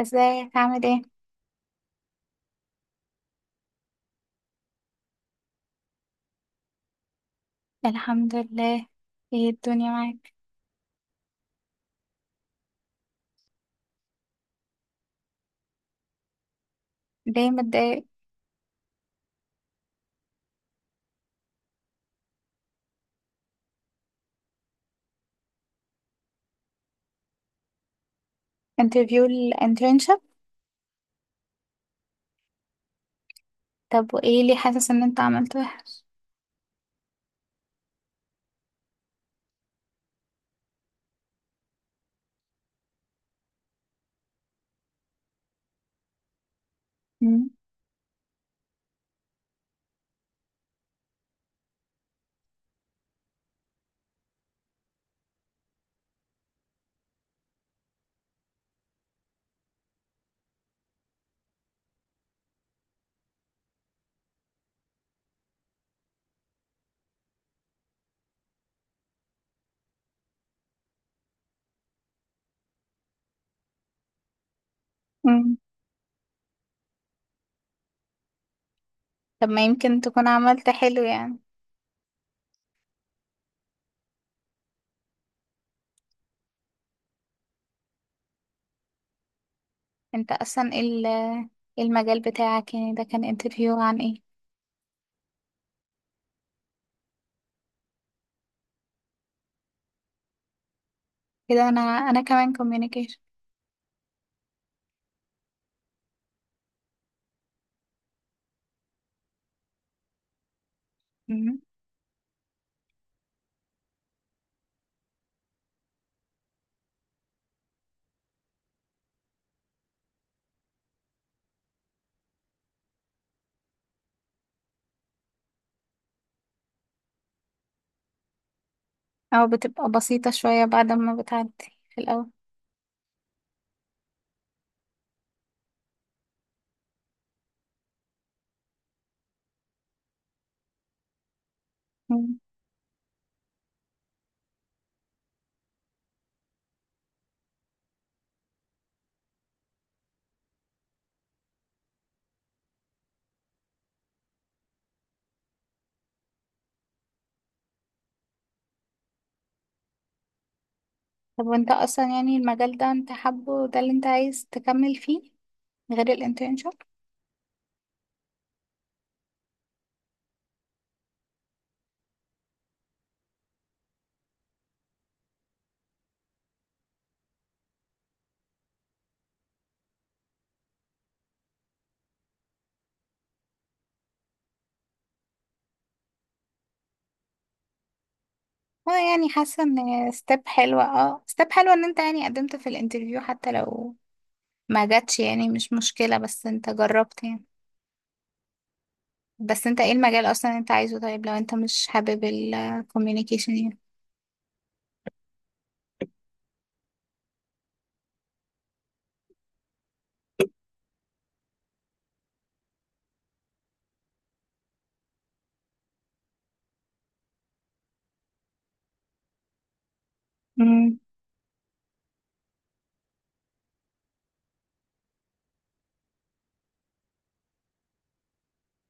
ازيك عامل ايه؟ الحمد لله. ايه الدنيا معاك؟ ليه متضايق؟ انترفيو الانترنشب؟ طب وايه اللي حاسس ان انت عملت وحش؟ مم. مم. طب ما يمكن تكون عملت حلو يعني. انت اصلا ايه المجال بتاعك يعني ده كان انترفيو عن ايه؟ كده، انا كمان communication. مم. او بتبقى بسيطة شوية بعد ما بتعدي في الاول. مم. طب وانت اصلا يعني المجال ده انت حابه، ده اللي انت عايز تكمل فيه غير الانترنشب؟ اه، يعني حاسة ان ستيب حلوة ان انت يعني قدمت في الانترفيو حتى لو ما جاتش، يعني مش مشكلة بس انت جربت يعني. بس انت ايه المجال اصلا انت عايزه؟ طيب لو انت مش حابب الكوميونيكيشن يعني؟ مم.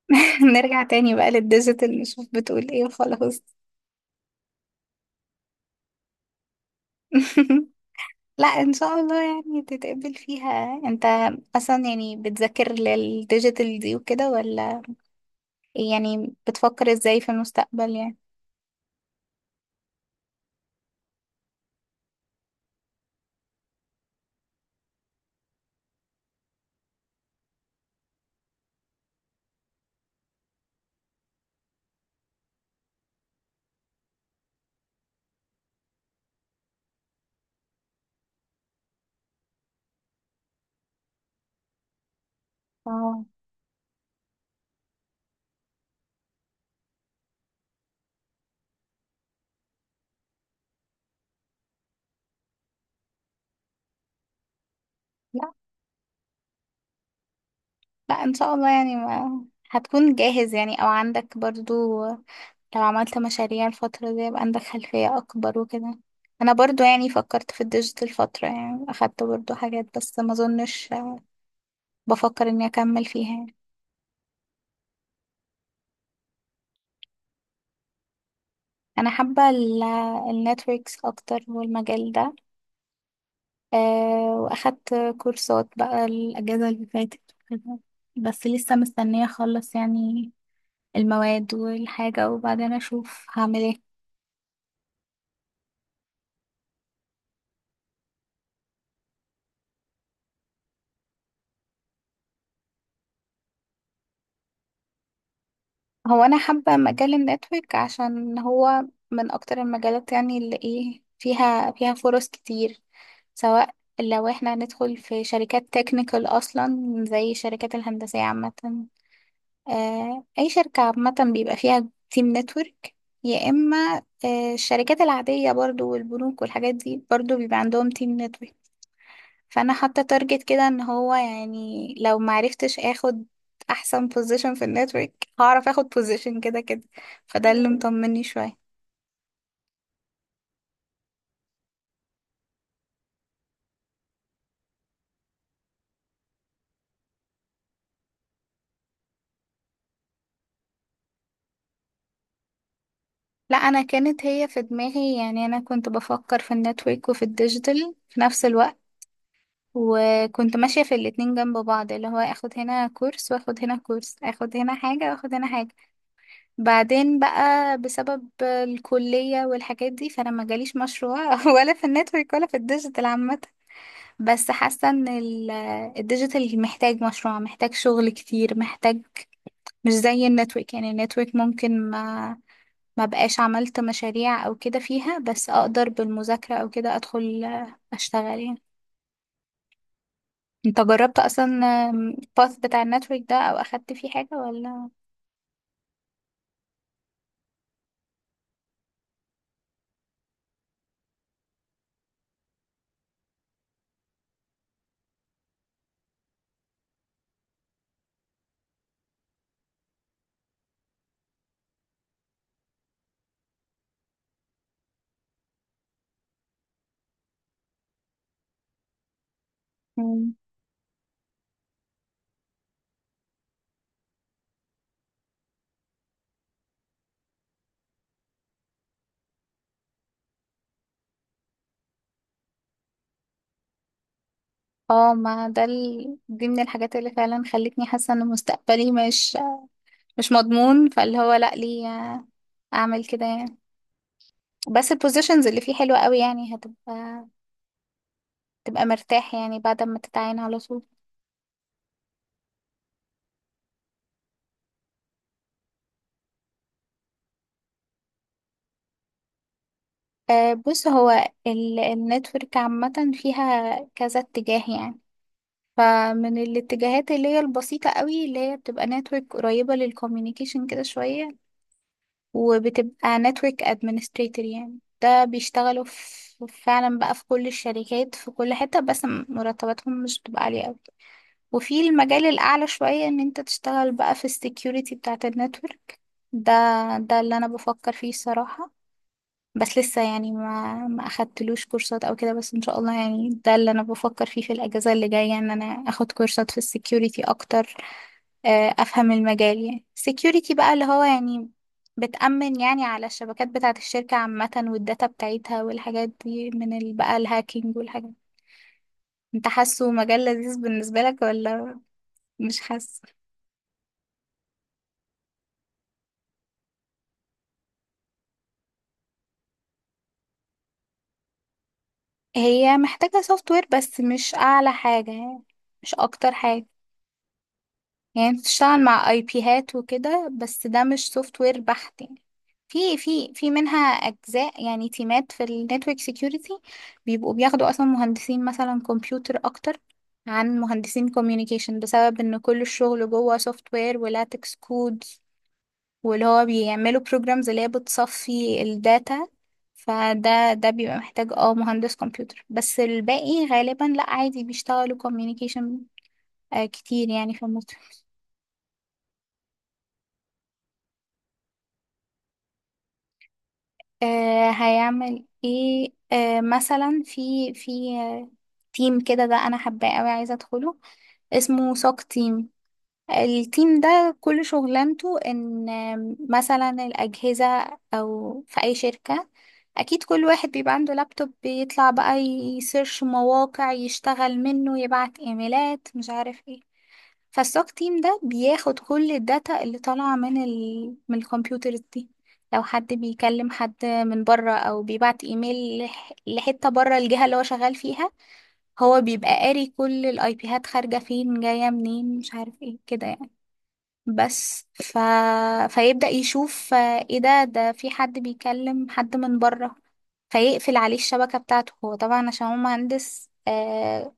نرجع تاني بقى للديجيتال نشوف بتقول ايه وخلاص. لا ان شاء الله يعني تتقبل فيها. انت اصلا يعني بتذاكر للديجيتال دي وكده، ولا يعني بتفكر ازاي في المستقبل يعني؟ اه، لا ان شاء الله يعني، ما هتكون جاهز يعني او عندك برضو، لو عملت مشاريع الفترة دي يبقى عندك خلفية اكبر وكده. انا برضو يعني فكرت في الديجيتال فترة، يعني اخدت برضو حاجات، بس ما اظنش بفكر اني اكمل فيها يعني. انا حابة النتوركس اكتر والمجال ده. أه، واخدت كورسات بقى الاجازة اللي فاتت وكده. بس لسه مستنية اخلص يعني المواد والحاجة، وبعدين اشوف هعمل ايه. هو انا حابه مجال النتورك عشان هو من اكتر المجالات، يعني اللي ايه فيها فرص كتير. سواء لو احنا ندخل في شركات تكنيكال اصلا، زي الشركات الهندسيه عامه، اي شركه عامه بيبقى فيها تيم نتورك، يا اما الشركات العاديه برضو والبنوك والحاجات دي برضو بيبقى عندهم تيم نتورك. فانا حاطه تارجت كده ان هو يعني، لو معرفتش اخد احسن بوزيشن في النتورك، هعرف اخد بوزيشن كده كده. فده اللي مطمني شويه. لا، انا كانت هي في دماغي يعني، انا كنت بفكر في النتورك وفي الديجيتال في نفس الوقت، وكنت ماشيه في الاتنين جنب بعض، اللي هو اخد هنا كورس واخد هنا كورس، اخد هنا حاجه واخد هنا حاجه. بعدين بقى بسبب الكليه والحاجات دي، فانا ما جاليش مشروع ولا في النتورك ولا في الديجيتال عامه. بس حاسة ان الديجيتال محتاج مشروع، محتاج شغل كتير، محتاج مش زي النتورك. يعني النتورك ممكن ما بقاش عملت مشاريع او كده فيها، بس اقدر بالمذاكرة او كده ادخل اشتغل يعني. انت جربت اصلا الباث بتاع النتورك ده او اخدت فيه حاجة ولا؟ مم. اه، ما ده دي من الحاجات اللي فعلا خلتني حاسة ان مستقبلي مش مضمون. فاللي هو لا، ليه اعمل كده يعني. بس البوزيشنز اللي فيه حلوة قوي، يعني تبقى مرتاح يعني بعد ما تتعين على طول. بص، هو النتورك عامة فيها كذا اتجاه يعني. فمن الاتجاهات اللي هي البسيطة قوي، اللي هي بتبقى نتورك قريبة للكوميونيكيشن كده شوية، وبتبقى نتورك ادمنستريتور. يعني ده بيشتغلوا في فعلا بقى في كل الشركات، في كل حتة، بس مرتباتهم مش بتبقى عالية قوي. وفي المجال الأعلى شوية، إن أنت تشتغل بقى في السكيورتي بتاعة النتورك، ده ده اللي أنا بفكر فيه الصراحة. بس لسه يعني ما اخدتلوش كورسات او كده، بس ان شاء الله يعني، ده اللي انا بفكر فيه في الاجازه اللي جايه، ان انا اخد كورسات في السكيورتي اكتر. افهم المجال يعني السكيورتي بقى، اللي هو يعني بتأمن يعني على الشبكات بتاعه الشركه عامه، والداتا بتاعتها، والحاجات دي من بقى الهاكينج والحاجات دي. انت حاسه مجال لذيذ بالنسبه لك، ولا مش حاسه؟ هي محتاجه سوفت وير، بس مش اعلى حاجه يعني، مش اكتر حاجه. يعني انت بتشتغل مع اي بيهات وكده، بس ده مش سوفت وير بحت يعني. في منها اجزاء، يعني تيمات في النتورك سيكيورتي بيبقوا بياخدوا اصلا مهندسين مثلا كمبيوتر اكتر عن مهندسين كوميونيكيشن، بسبب ان كل الشغل جوه سوفت وير ولاتكس كود، واللي هو بيعملوا بروجرامز اللي هي بتصفي الداتا. فده بيبقى محتاج مهندس كمبيوتر، بس الباقي غالبا لا، عادي بيشتغلوا كوميونيكيشن كتير يعني في النتورك. آه، هيعمل ايه. مثلا في آه، تيم كده، ده انا حباه قوي، عايزه ادخله، اسمه سوك تيم. التيم ده كل شغلانته ان مثلا الاجهزه، او في اي شركه، اكيد كل واحد بيبقى عنده لابتوب، بيطلع بقى يسيرش مواقع، يشتغل منه، يبعت ايميلات، مش عارف ايه. فالسوك تيم ده بياخد كل الداتا اللي طالعة من الكمبيوترز دي. لو حد بيكلم حد من بره، او بيبعت ايميل لحتة بره الجهة اللي هو شغال فيها، هو بيبقى قاري كل الاي بيهات، خارجة فين، جاية منين، مش عارف ايه كده يعني. بس ف... فيبدأ يشوف، ايه ده في حد بيكلم حد من بره، فيقفل عليه الشبكة بتاعته. هو طبعا عشان هو مهندس.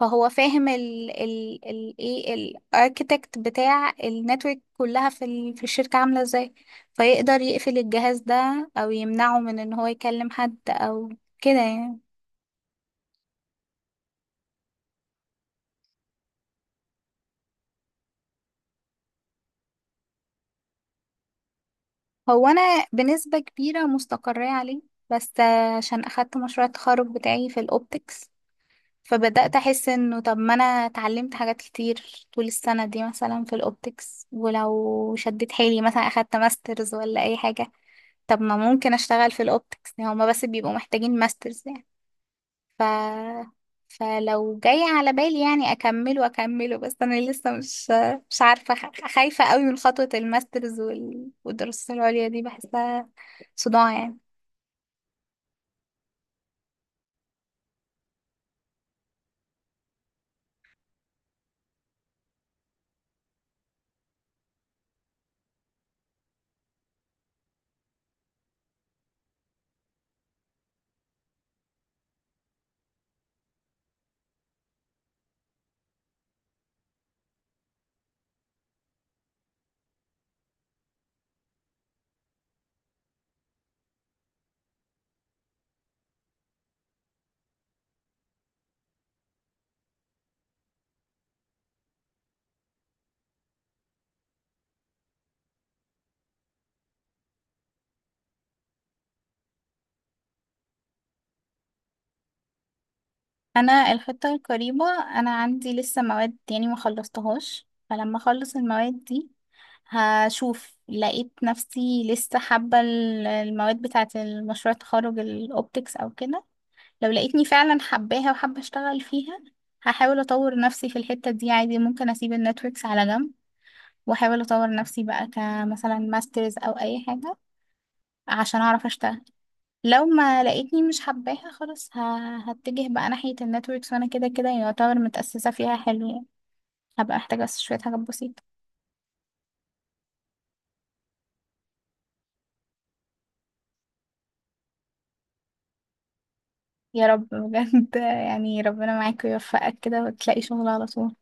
فهو فاهم ال ال ال ايه الاركيتكت بتاع النتورك كلها في الشركة عاملة ازاي، فيقدر يقفل الجهاز ده او يمنعه من ان هو يكلم حد او كده يعني. هو انا بنسبة كبيرة مستقرة عليه، بس عشان اخدت مشروع التخرج بتاعي في الاوبتكس، فبدأت احس انه طب ما انا اتعلمت حاجات كتير طول السنة دي، مثلا في الاوبتكس، ولو شديت حيلي مثلا اخدت ماسترز ولا اي حاجة، طب ما ممكن اشتغل في الاوبتكس، يعني هما بس بيبقوا محتاجين ماسترز يعني. ف فلو جاي على بالي يعني اكمله اكمله، بس انا لسه مش عارفه، خايفه قوي من خطوه الماسترز والدراسات العليا دي، بحسها صداع يعني. انا الخطه القريبه، انا عندي لسه مواد يعني ما خلصتهاش، فلما اخلص المواد دي، هشوف لقيت نفسي لسه حابه المواد بتاعه المشروع التخرج الاوبتكس او كده، لو لقيتني فعلا حباها وحابة اشتغل فيها، هحاول اطور نفسي في الحتة دي عادي، ممكن اسيب النتوركس على جنب، واحاول اطور نفسي بقى كمثلا ماسترز او اي حاجة عشان اعرف اشتغل. لو ما لقيتني مش حباها، خلاص هتجه بقى ناحية النتوركس، وانا كده كده يعتبر متأسسة فيها حلو يعني، هبقى محتاجة بس شوية حاجات بسيطة. يا رب بجد، يعني ربنا معاك ويوفقك كده وتلاقي شغل على طول.